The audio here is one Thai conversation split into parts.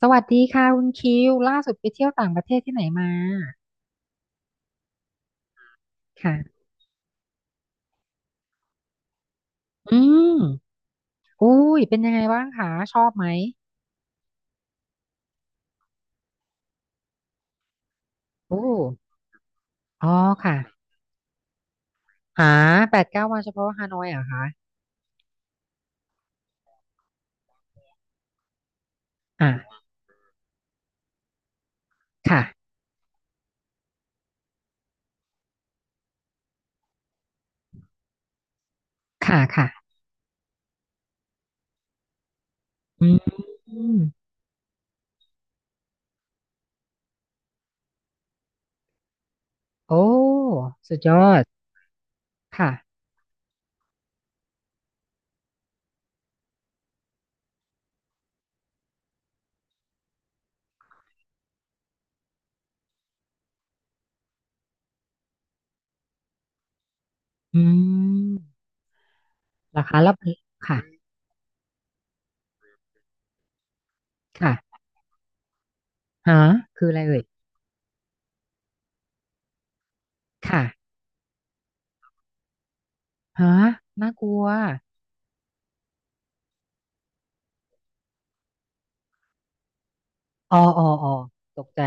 สวัสดีค่ะคุณคิวล่าสุดไปเที่ยวต่างประเทศที่ไหนมาค่ะอืมอุ้ยเป็นยังไงบ้างคะชอบไหมโอ้อ๋อค่ะหาแปดเก้าวันเฉพาะฮานอยเหรอคะอ่าค่ะค่ะค่ะอืมโอ้สุดยอดค่ะอืมราคาแล้วค่ะค่ะฮะคืออะไรเอ่ยค่ะฮะน่ากลัวอ๋ออ๋ออ๋อตกใจ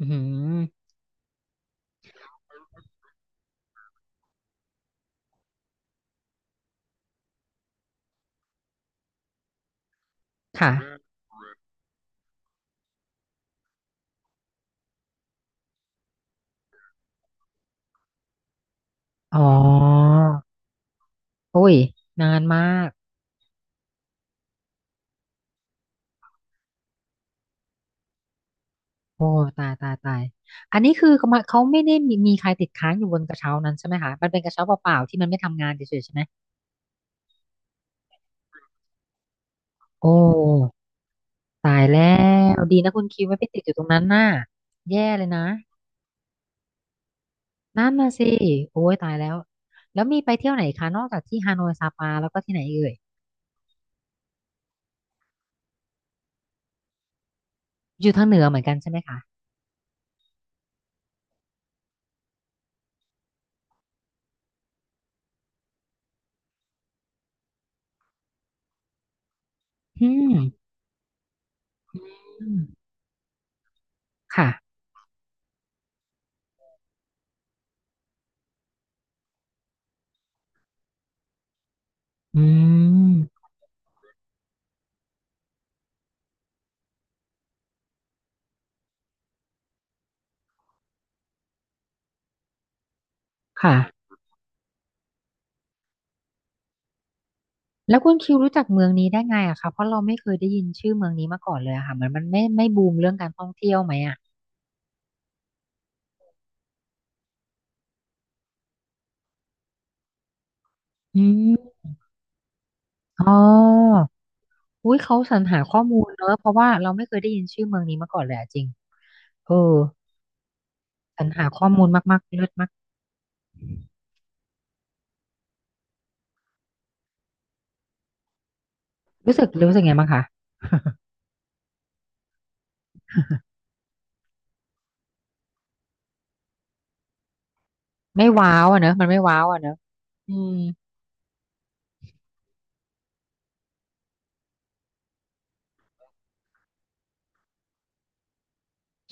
อืมค่ะอ๋อ โอ้ยนานมากโอ้ตายตายตายอันนี้คือเขามาเขาไม่ได้มีใครติดค้างอยู่บนกระเช้านั้นใช่ไหมคะมันเป็นกระเช้าเปล่าๆที่มันไม่ทำงานเฉยๆใช่ไหมโอ้ตายแล้วดีนะคุณคิวไม่ไปติดอยู่ตรงนั้นน่ะแย่เลยนะนั่นน่ะสิโอ้ยตายแล้วแล้วมีไปเที่ยวไหนคะนอกจากที่ฮานอยซาปาแล้วก็ที่ไหนเอ่ยอยู่ทางเหนือเหมือนกันใช่ไหมคะอืมอืมค่ะอืมค่ะ แล้วคุณคิวรู้จักเมืองนี้ได้ไงอะคะเพราะเราไม่เคยได้ยินชื่อเมืองนี้มาก่อนเลยอะค่ะเหมือนมันไม่บูมเรื่องการท่องเที่ยวไหมอะอืมอ๋ออุ้ยเขาสรรหาข้อมูลเนอะเพราะว่าเราไม่เคยได้ยินชื่อเมืองนี้มาก่อนเลยอะจริงเออสรรหาข้อมูลมากๆเลิศมากรู้สึกไงบ้างคะ ไม่ว้าวอะเนอะมันไม่ว้าวอะเนอะอืม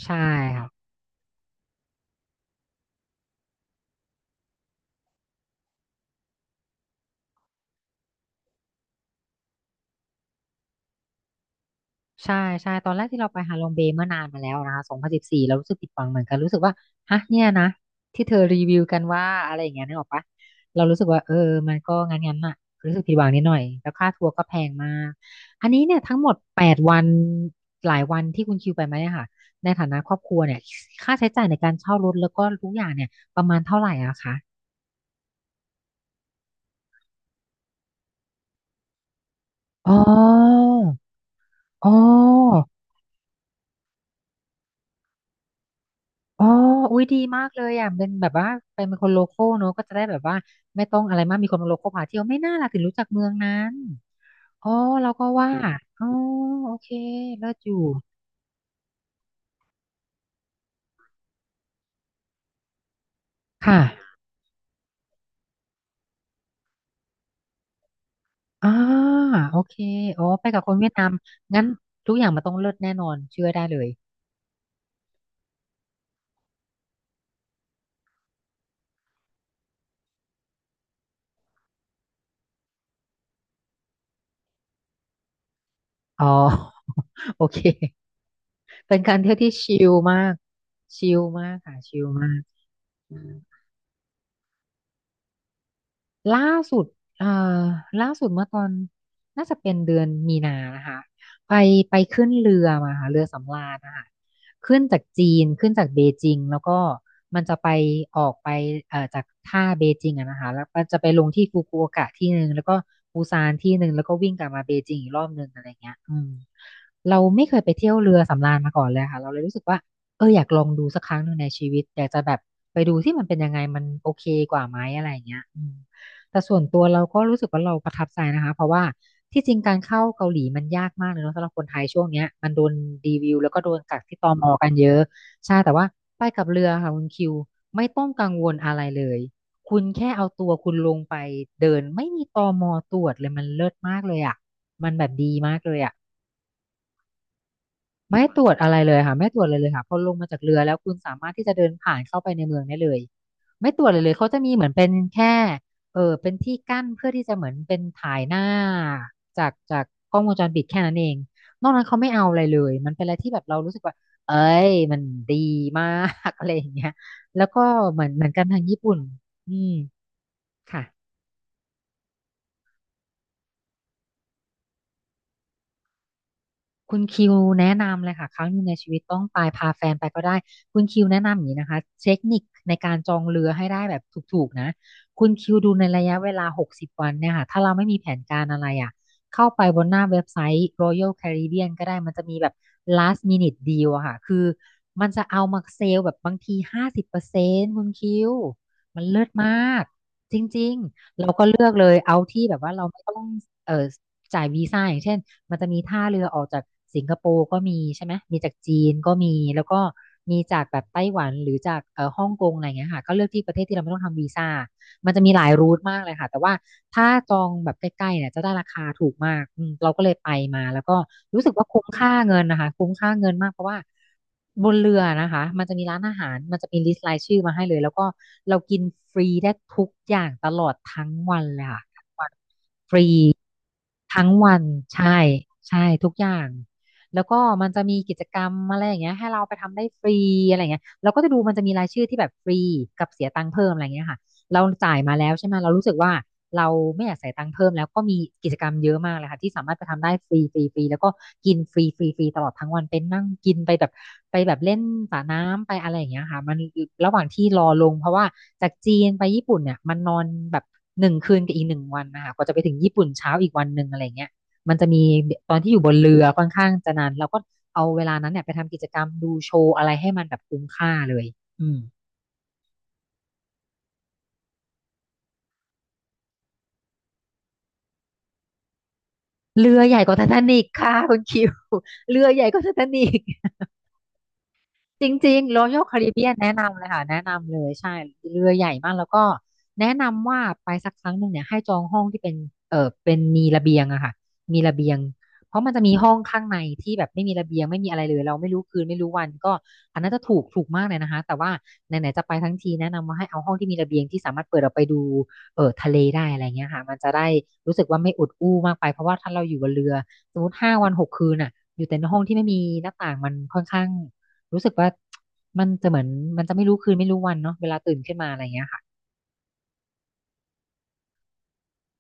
ใช่ค่ะ ใช่ใช่ตอนแรกที่เราไปฮาลอมเบย์เมื่อนานมาแล้วนะคะ2014เรารู้สึกผิดหวังเหมือนกันรู้สึกว่าฮะเนี่ยนะที่เธอรีวิวกันว่าอะไรอย่างเงี้ยนึกออกปะเรารู้สึกว่าเออมันก็งั้นงั้นอะรู้สึกผิดหวังนิดหน่อยแล้วค่าทัวร์ก็แพงมากอันนี้เนี่ยทั้งหมดแปดวันหลายวันที่คุณคิวไปมาเนี่ยค่ะในฐานะครอบครัวเนี่ยค่าใช้จ่ายในการเช่ารถแล้วก็ทุกอย่างเนี่ยประมาณเท่าไหร่อะคะอ๋ออ๋อ อ๋ออุ้ยดีมากเลยอ่ะเป็นแบบว่าเป็นคนโลคอลเนอะก็จะได้แบบว่าไม่ต้องอะไรมากมีคนโลคอลพาเที่ยวไม่น่าล่ะถึงรู้จักเมืองนั้นอ๋อเราก็ว่าอ๋อโอเคเลิศอยู่ค่ะอ่าโอเคอ๋อไปกับคนเวียดนามงั้นทุกอย่างมันต้องเลิศแน่นอนเชื่อได้เลยอ๋อ โอเคเป็นการเที่ยวที่ชิลมากชิลมากค่ะชิลมาก ล่าสุดเอ่อล่าสุดเมื่อตอนน่าจะเป็นเดือนมีนานะคะไปขึ้นเรือมาค่ะเรือสำราญนะคะขึ้นจากจีนขึ้นจากเบจิงแล้วก็มันจะไปออกไปจากท่าเบจิงอะนะคะแล้วก็จะไปลงที่ฟุกุโอกะที่หนึ่งแล้วก็ปูซานที่หนึ่งแล้วก็วิ่งกลับมาเบจิงอีกรอบหนึ่งอะไรเงี้ยอืมเราไม่เคยไปเที่ยวเรือสำราญมาก่อนเลยค่ะเราเลยรู้สึกว่าเอออยากลองดูสักครั้งหนึ่งในชีวิตอยากจะแบบไปดูที่มันเป็นยังไงมันโอเคกว่าไหมอะไรอย่างเงี้ยอืม แต่ส่วนตัวประทับใจนะคะเพราะว่าที่จริงการเข้าเกาหลีมันยากมากเลยเนาะสำหรับคนไทยช่วงเนี้ยมันโดนดีวิวแล้วก็โดนกักที่ตมกันเยอะใช่แต่ว่าไปกับเรือค่ะคุณคิวไม่ต้องกังวลอะไรเลยคุณแค่เอาตัวคุณลงไปเดินไม่มีตมตรวจเลยมันเลิศมากเลยอ่ะมันแบบดีมากเลยอ่ะ ไม่ตรวจอะไรเลยค่ะไม่ตรวจเลยค่ะพอลงมาจากเรือแล้วคุณสามารถที่จะเดินผ่านเข้าไปในเมืองได้เลยไม่ตรวจเลยเขาจะมีเหมือนเป็นแค่เออเป็นที่กั้นเพื่อที่จะเหมือนเป็นถ่ายหน้าจากกล้องวงจรปิดแค่นั้นเองนอกนั้นเขาไม่เอาอะไรเลยมันเป็นอะไรที่แบบเรารู้สึกว่าเอ้ยมันดีมาก อะไรอย่างเงี้ยแล้วก็เหมือนกันทางญี่ปุ่นอืมค่ะ คุณคิวแนะนำเลยค่ะครั้งหนึงในชีวิตต้องไปพาแฟนไปก็ได้คุณคิวแนะนำอย่างนี้นะคะเทคนิคในการจองเรือให้ได้แบบถูกๆนะคุณคิวดูในระยะเวลา60วันเนี่ยค่ะถ้าเราไม่มีแผนการอะไรอ่ะเข้าไปบนหน้าเว็บไซต์ Royal Caribbean ก็ได้มันจะมีแบบ last minute deal อะค่ะคือมันจะเอามาเซลแบบบางที50%คุณคิวมันเลิศมากจริงๆเราก็เลือกเลยเอาที่แบบว่าเราไม่ต้องเอ่อจ่ายวีซ่าอย่างเช่น มันจะมีท่าเรือออกจากสิงคโปร์ก็มีใช่ไหมมีจากจีนก็มีแล้วก็มีจากแบบไต้หวันหรือจากฮ่องกงอะไรเงี้ยค่ะก็เลือกที่ประเทศที่เราไม่ต้องทำวีซ่ามันจะมีหลายรูทมากเลยค่ะแต่ว่าถ้าจองแบบใกล้ๆเนี่ยจะได้ราคาถูกมากเราก็เลยไปมาแล้วก็รู้สึกว่าคุ้มค่าเงินนะคะบนเรือนะคะมันจะมีร้านอาหารมันจะมีลิสต์รายชื่อมาให้เลยแล้วก็เรากินฟรีได้ทุกอย่างตลอดทั้งวันเลยค่ะ ทั้งวันใช่ใช่ทุกอย่างแล้วก็มันจะมีกิจกรรมอะไรอย่างเงี้ยให้เราไปทำได้ฟรีอะไรอย่างเงี้ยเราก็จะดูมันจะมีรายชื่อที่แบบฟรีกับเสียตังค์เพิ่มอะไรอย่างเงี้ยค่ะ เราจ่ายมาแล้วใช่ไหมเรารู้สึกว่าเราไม่อยากใส่ยตังค์เพิ่มแล้วก็มีกิจกรรมเยอะมากเลยค่ะที่สามารถไปทำได้ฟรีฟรีฟรีแล้วก็กินฟรีฟรีฟรีตลอดทั้งวันเป็นนั่งกินไปแบบไปแบบเล่นสระน้ำไปอะไรอย่างเงี้ยค่ะมันระหว่างที่รอลงเพราะว่าจากจีนไปญี่ปุ่นเนี่ยมันนอนแบบหนึ่งคืนกับอีกหนึ่งวันนะคะกว่าจะไปถึงญี่ปุ่นเช้าอีกวันหนึ่งอะไรเงี้ยมันจะมีตอนที่อยู่บนเรือค่อนข้างจะนานเราก็เอาเวลานั้นเนี่ยไปทำกิจกรรมดูโชว์อะไรให้มันแบบคุ้มค่าเลยอืม เรือใหญ่กว่าไททานิคค่ะคุณคิว เรือใหญ่กว่าไททานิค จริงๆ Royal Caribbean แนะนำเลยค่ะแนะนำเลยใช่เรือใหญ่มากแล้วก็แนะนำว่าไปสักครั้งหนึ่งเนี่ยให้จองห้องที่เป็นเป็นมีระเบียงอะค่ะมีระเบียงเพราะมันจะมีห้องข้างในที่แบบไม่มีระเบียงไม่มีอะไรเลยเราไม่รู้คืนไม่รู้วันก็อันนั้นจะถูกถูกมากเลยนะคะแต่ว่าไหนๆจะไปทั้งทีแนะนำว่าให้เอาห้องที่มีระเบียงที่สามารถเปิดออกไปดูทะเลได้อะไรเงี้ยค่ะมันจะได้รู้สึกว่าไม่อุดอู้มากไปเพราะว่าถ้าเราอยู่บนเรือสมมติ5 วัน 6 คืนอะอยู่แต่ในห้องที่ไม่มีหน้าต่างมันค่อนข้าง รู้สึกว่ามันจะเหมือนมันจะไม่รู้คืนไม่รู้วันเนาะเวลาตื่นขึ้นมาอะไรเงี้ยค่ะ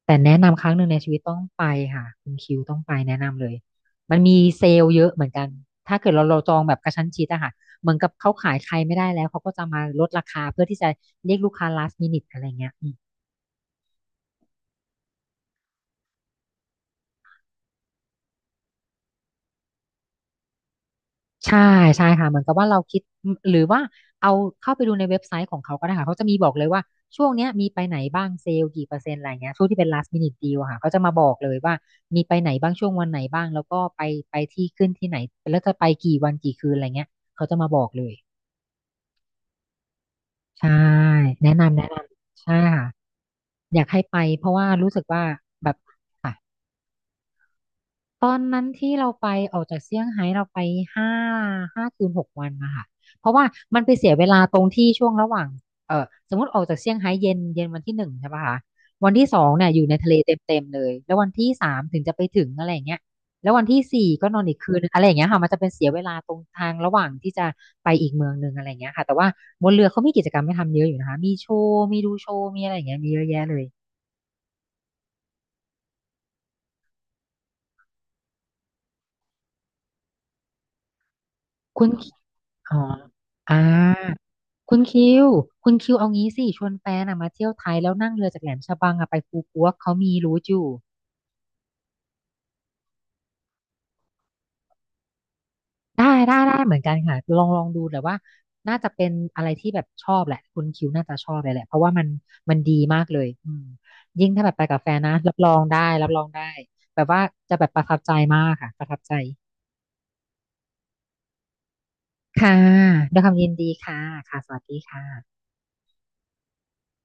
แต่แนะนำครั้งหนึ่งในชีวิตต้องไปค่ะคุณคิวต้องไปแนะนำเลยมันมีเซลล์เยอะเหมือนกันถ้าเกิดเราจองแบบกระชั้นชิดอะค่ะเหมือนกับเขาขายใครไม่ได้แล้วเขาก็จะมาลดราคาเพื่อที่จะเรียกลูกค้า last minute อะไรเงี้ย ใช่ใช่ค่ะเหมือนกับว่าเราคิดหรือว่าเอาเข้าไปดูในเว็บไซต์ของเขาก็ได้ค่ะเขาจะมีบอกเลยว่าช่วงเนี้ยมีไปไหนบ้างเซลล์กี่เปอร์เซ็นต์อะไรเงี้ยช่วงที่เป็น last minute deal อะค่ะเขาจะมาบอกเลยว่ามีไปไหนบ้างช่วงวันไหนบ้างแล้วก็ไปที่ขึ้นที่ไหนแล้วจะไปกี่วันกี่คืนอะไรเงี้ยเขาจะมาบอกเลยใช่แนะนำแนะนำใช่ค่ะอยากให้ไปเพราะว่ารู้สึกว่าแบบค่ะ ตอนนั้นที่เราไปออกจากเซี่ยงไฮ้เราไปห้าห้าคืนหกวันนะคะเพราะว่ามันไปเสียเวลาตรงที่ช่วงระหว่างสมมติออกจากเซี่ยงไฮ้เย็นเย็นวันที่หนึ่งใช่ปะคะวันที่สองเนี่ยอยู่ในทะเลเต็มเต็มเลยแล้ววันที่สามถึงจะไปถึงอะไรอย่างเงี้ยแล้ววันที่สี่ก็นอนอีกคืนอะไรอย่างเงี้ยค่ะมันจะเป็นเสียเวลาตรงทางระหว่างที่จะไปอีกเมืองหนึ่งอะไรอย่างเงี้ยค่ะแต่ว่าบนเรือเขามีกิจกรรมให้ทำเยอะอยู่นะคะมีโชว์มีดูโชว์มีอะไรอย่างเงี้ยมีเยอะแยะเลยคุณอ๋ออ่า คุณคิวคุณคิวเอางี้สิชวนแฟนอะมาเที่ยวไทยแล้วนั่งเรือจากแหลมฉบังอะไปภูกัวเขามีรู้อยู่ได้ได้ได้เหมือนกันค่ะลองลองดูแต่ว่าน่าจะเป็นอะไรที่แบบชอบแหละคุณคิวน่าจะชอบเลยแหละเพราะว่ามันมันดีมากเลยยิ่งถ้าแบบไปกับแฟนนะรับรองได้รับรองได้แบบว่าจะแบบประทับใจมากค่ะประทับใจค่ะด้วยความยินดีค่ะค่ะสวัสดีค่ะ